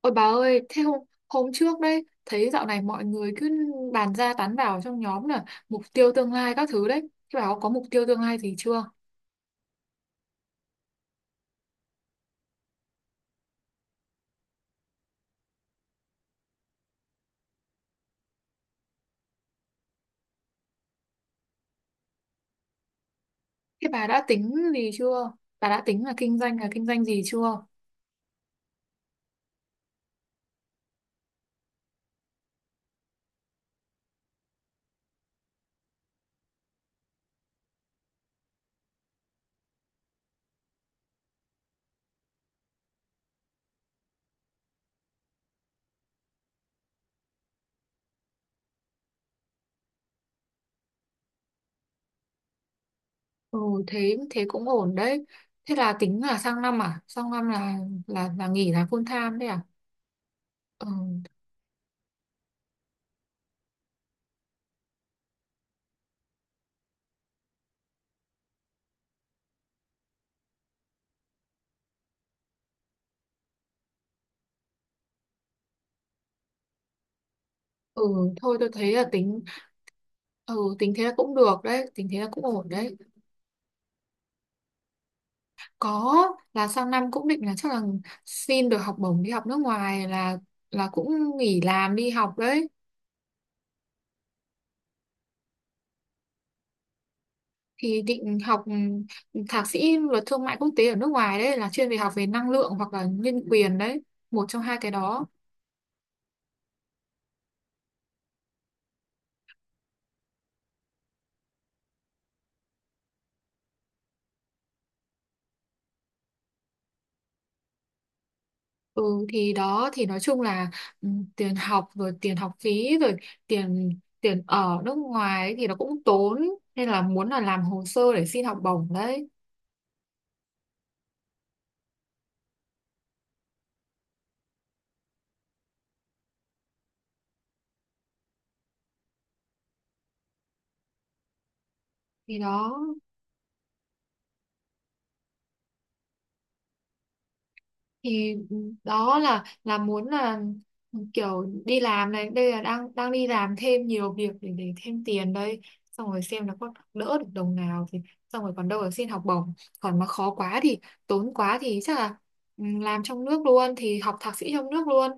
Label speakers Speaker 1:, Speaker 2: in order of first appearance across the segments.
Speaker 1: Ôi bà ơi, thế hôm trước đấy, thấy dạo này mọi người cứ bàn ra tán vào trong nhóm là mục tiêu tương lai các thứ đấy. Thế bà có mục tiêu tương lai gì chưa? Thế bà đã tính gì chưa? Bà đã tính là kinh doanh gì chưa? Ừ, thế thế cũng ổn đấy. Thế là tính là sang năm à? Sang năm là nghỉ là full time đấy à? Ừ, ừ thôi tôi thấy là tính thế là cũng được đấy, tính thế là cũng ổn đấy. Có, là sang năm cũng định là chắc là xin được học bổng đi học nước ngoài là cũng nghỉ làm đi học đấy. Thì định học thạc sĩ luật thương mại quốc tế ở nước ngoài đấy, là chuyên về học về năng lượng hoặc là nhân quyền đấy, một trong hai cái đó. Ừ thì đó thì nói chung là ừ, tiền học rồi tiền học phí rồi tiền tiền ở nước ngoài ấy thì nó cũng tốn, nên là muốn là làm hồ sơ để xin học bổng đấy. Thì đó thì đó là muốn là kiểu đi làm này đây, là đang đang đi làm thêm nhiều việc để thêm tiền đây, xong rồi xem là có đỡ được đồng nào thì xong rồi còn đâu là xin học bổng, còn mà khó quá thì tốn quá thì chắc là làm trong nước luôn thì học thạc sĩ trong nước luôn,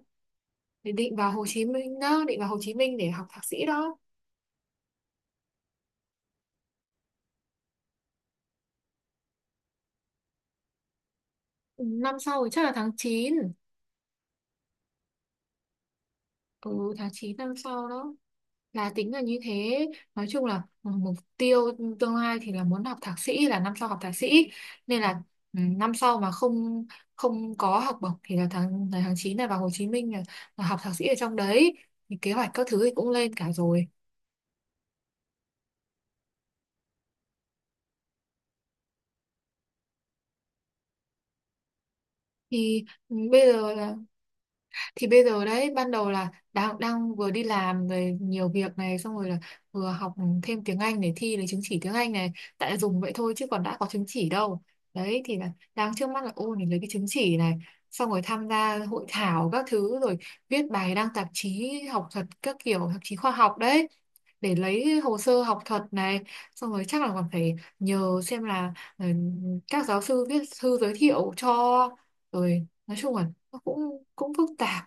Speaker 1: thì định vào Hồ Chí Minh đó, định vào Hồ Chí Minh để học thạc sĩ đó. Ừ, năm sau thì chắc là tháng chín, ừ tháng chín năm sau đó, là tính là như thế. Nói chung là mục tiêu tương lai thì là muốn học thạc sĩ, là năm sau học thạc sĩ, nên là năm sau mà không không có học bổng thì là tháng 9 này vào Hồ Chí Minh là học thạc sĩ ở trong đấy, thì kế hoạch các thứ thì cũng lên cả rồi. Thì bây giờ đấy, ban đầu là đang đang vừa đi làm rồi nhiều việc này, xong rồi là vừa học thêm tiếng Anh để thi lấy chứng chỉ tiếng Anh này, tại là dùng vậy thôi chứ còn đã có chứng chỉ đâu. Đấy thì là đang trước mắt là ôn để lấy cái chứng chỉ này, xong rồi tham gia hội thảo các thứ, rồi viết bài đăng tạp chí học thuật các kiểu tạp chí khoa học đấy, để lấy hồ sơ học thuật này. Xong rồi chắc là còn phải nhờ xem là các giáo sư viết thư giới thiệu cho, rồi nói chung là nó cũng cũng phức tạp.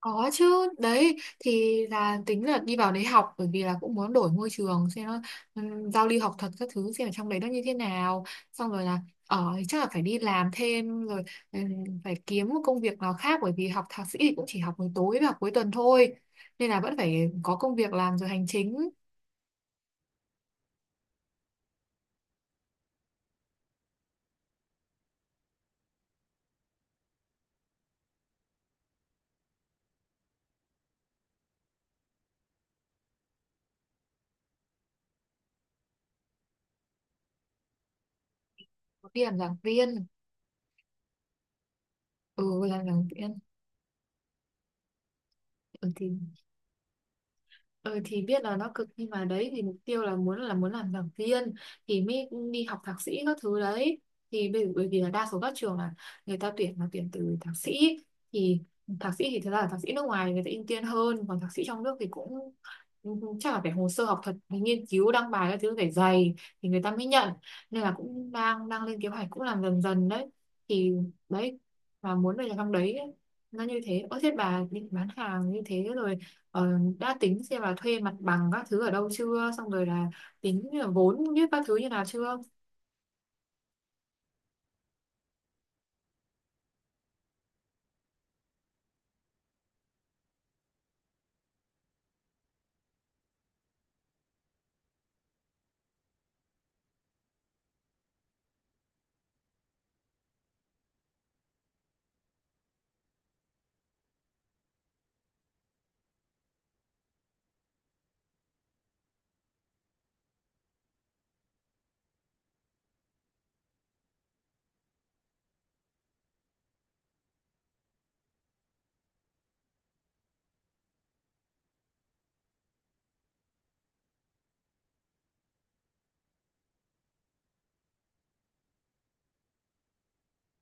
Speaker 1: Có chứ, đấy thì là tính là đi vào đấy học, bởi vì là cũng muốn đổi môi trường xem nó, giao lưu học thuật các thứ xem ở trong đấy nó như thế nào. Xong rồi là ở thì chắc là phải đi làm thêm rồi, phải kiếm một công việc nào khác, bởi vì học thạc sĩ thì cũng chỉ học buổi tối và học cuối tuần thôi. Nên là vẫn phải có công việc làm rồi hành chính, đi làm giảng viên, ừ làm giảng viên. Ừ, thì Ừ, thì biết là nó cực, nhưng mà đấy thì mục tiêu là muốn làm giảng viên thì mới đi học thạc sĩ các thứ đấy, thì bởi vì là đa số các trường là người ta tuyển là tuyển từ thạc sĩ. Thì thạc sĩ thì thật ra là thạc sĩ nước ngoài người ta ưu tiên hơn, còn thạc sĩ trong nước thì cũng cũng chắc là phải hồ sơ học thuật phải nghiên cứu đăng bài các thứ phải dày thì người ta mới nhận, nên là cũng đang đang lên kế hoạch cũng làm dần dần đấy, thì đấy, và muốn về làm trong đấy, nó như thế. Ơ thế bà định bán hàng như thế rồi, ờ, đã tính xem là thuê mặt bằng các thứ ở đâu chưa, xong rồi là tính là vốn như các thứ như nào chưa?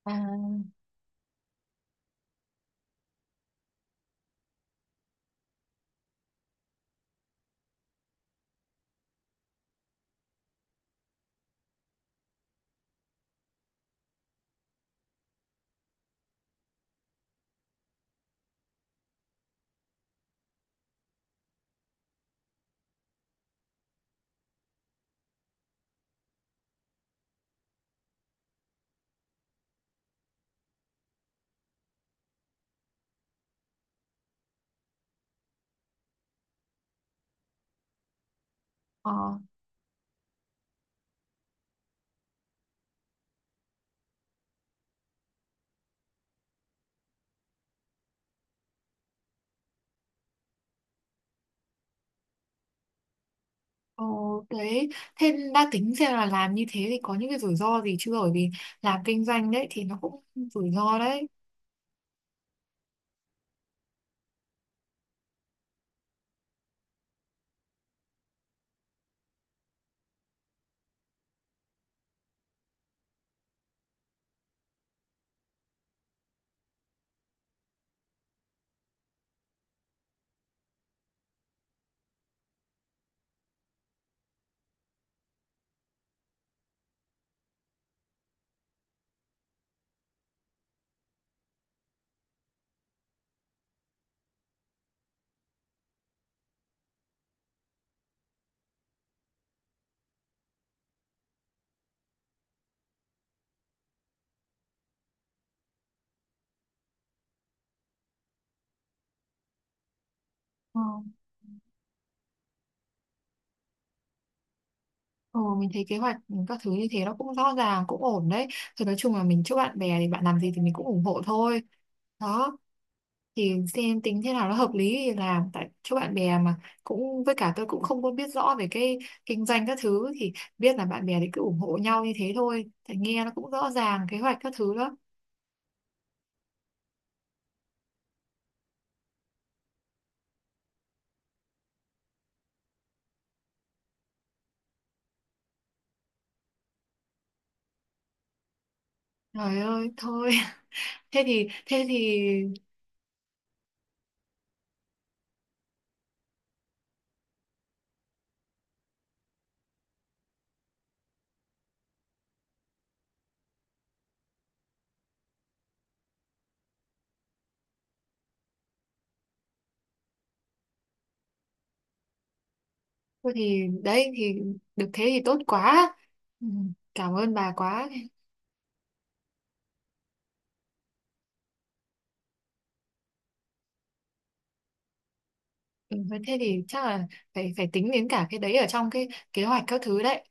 Speaker 1: À, ờ, ờ, đấy thế đã tính xem là làm như thế thì có những cái rủi ro gì chưa, bởi vì làm kinh doanh đấy thì nó cũng rủi ro đấy. Ờ. Ừ, mình thấy kế hoạch các thứ như thế nó cũng rõ ràng cũng ổn đấy, thì nói chung là mình chúc bạn bè thì bạn làm gì thì mình cũng ủng hộ thôi đó, thì xem tính thế nào nó hợp lý thì làm, tại chỗ bạn bè mà. Cũng với cả tôi cũng không có biết rõ về cái kinh doanh các thứ, thì biết là bạn bè thì cứ ủng hộ nhau như thế thôi, tại nghe nó cũng rõ ràng kế hoạch các thứ đó. Trời ơi thôi! Thế thì thôi thì đấy thì được thế thì tốt quá, ừ, cảm ơn bà quá. ừ, Thế thì chắc là phải phải tính đến cả cái đấy ở trong cái kế hoạch các thứ đấy.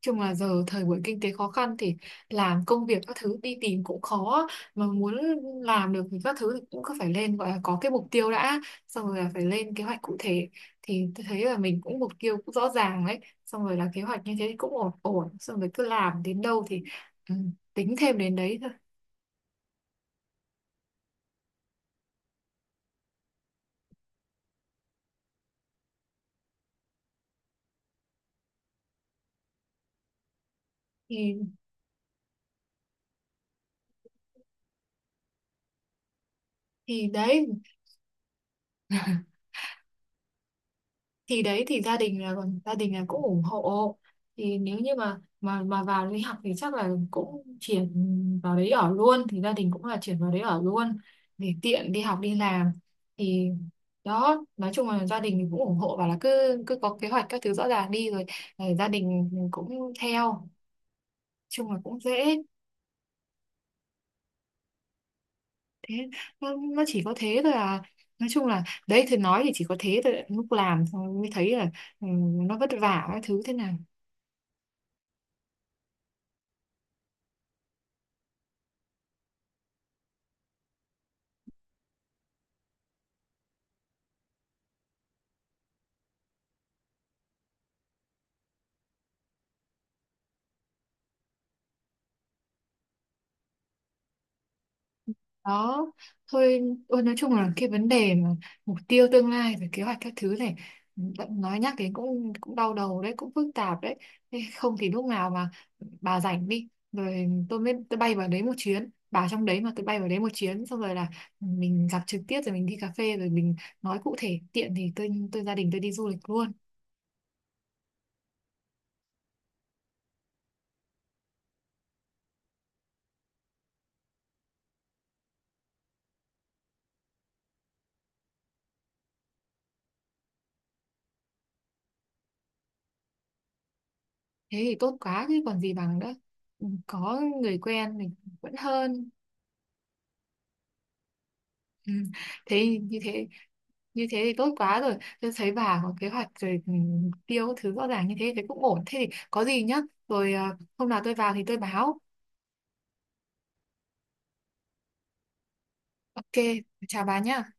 Speaker 1: Chung là giờ thời buổi kinh tế khó khăn thì làm công việc các thứ đi tìm cũng khó, mà muốn làm được thì các thứ thì cũng cứ phải lên, gọi là có cái mục tiêu đã, xong rồi là phải lên kế hoạch cụ thể, thì tôi thấy là mình cũng mục tiêu cũng rõ ràng đấy, xong rồi là kế hoạch như thế thì cũng ổn ổn, xong rồi cứ làm đến đâu thì ừ, tính thêm đến đấy thôi. Thì thì đấy, thì đấy thì gia đình là cũng ủng hộ, thì nếu như mà vào đi học thì chắc là cũng chuyển vào đấy ở luôn, thì gia đình cũng là chuyển vào đấy ở luôn để tiện đi học đi làm. Thì đó nói chung là gia đình thì cũng ủng hộ, và là cứ cứ có kế hoạch các thứ rõ ràng đi rồi gia đình cũng theo, chung là cũng dễ. Thế nó, nó chỉ có thế thôi à, nói chung là đấy, thì nói thì chỉ có thế thôi, lúc làm xong mới thấy là ừ, nó vất vả các thứ thế nào đó thôi. Ôi nói chung là cái vấn đề mà mục tiêu tương lai rồi kế hoạch các thứ này bạn nói nhắc đến cũng cũng đau đầu đấy, cũng phức tạp đấy. Thế không thì lúc nào mà bà rảnh đi rồi tôi bay vào đấy một chuyến, bà trong đấy mà tôi bay vào đấy một chuyến, xong rồi là mình gặp trực tiếp rồi mình đi cà phê rồi mình nói cụ thể, tiện thì tôi gia đình tôi đi du lịch luôn. Thế thì tốt quá chứ còn gì bằng nữa. Ừ, có người quen thì vẫn hơn. Ừ. thế như thế như thế thì tốt quá rồi, tôi thấy bà có kế hoạch rồi, ừ, mục tiêu các thứ rõ ràng như thế thì cũng ổn, thế thì có gì nhá, rồi hôm nào tôi vào thì tôi báo. OK, chào bà nhá.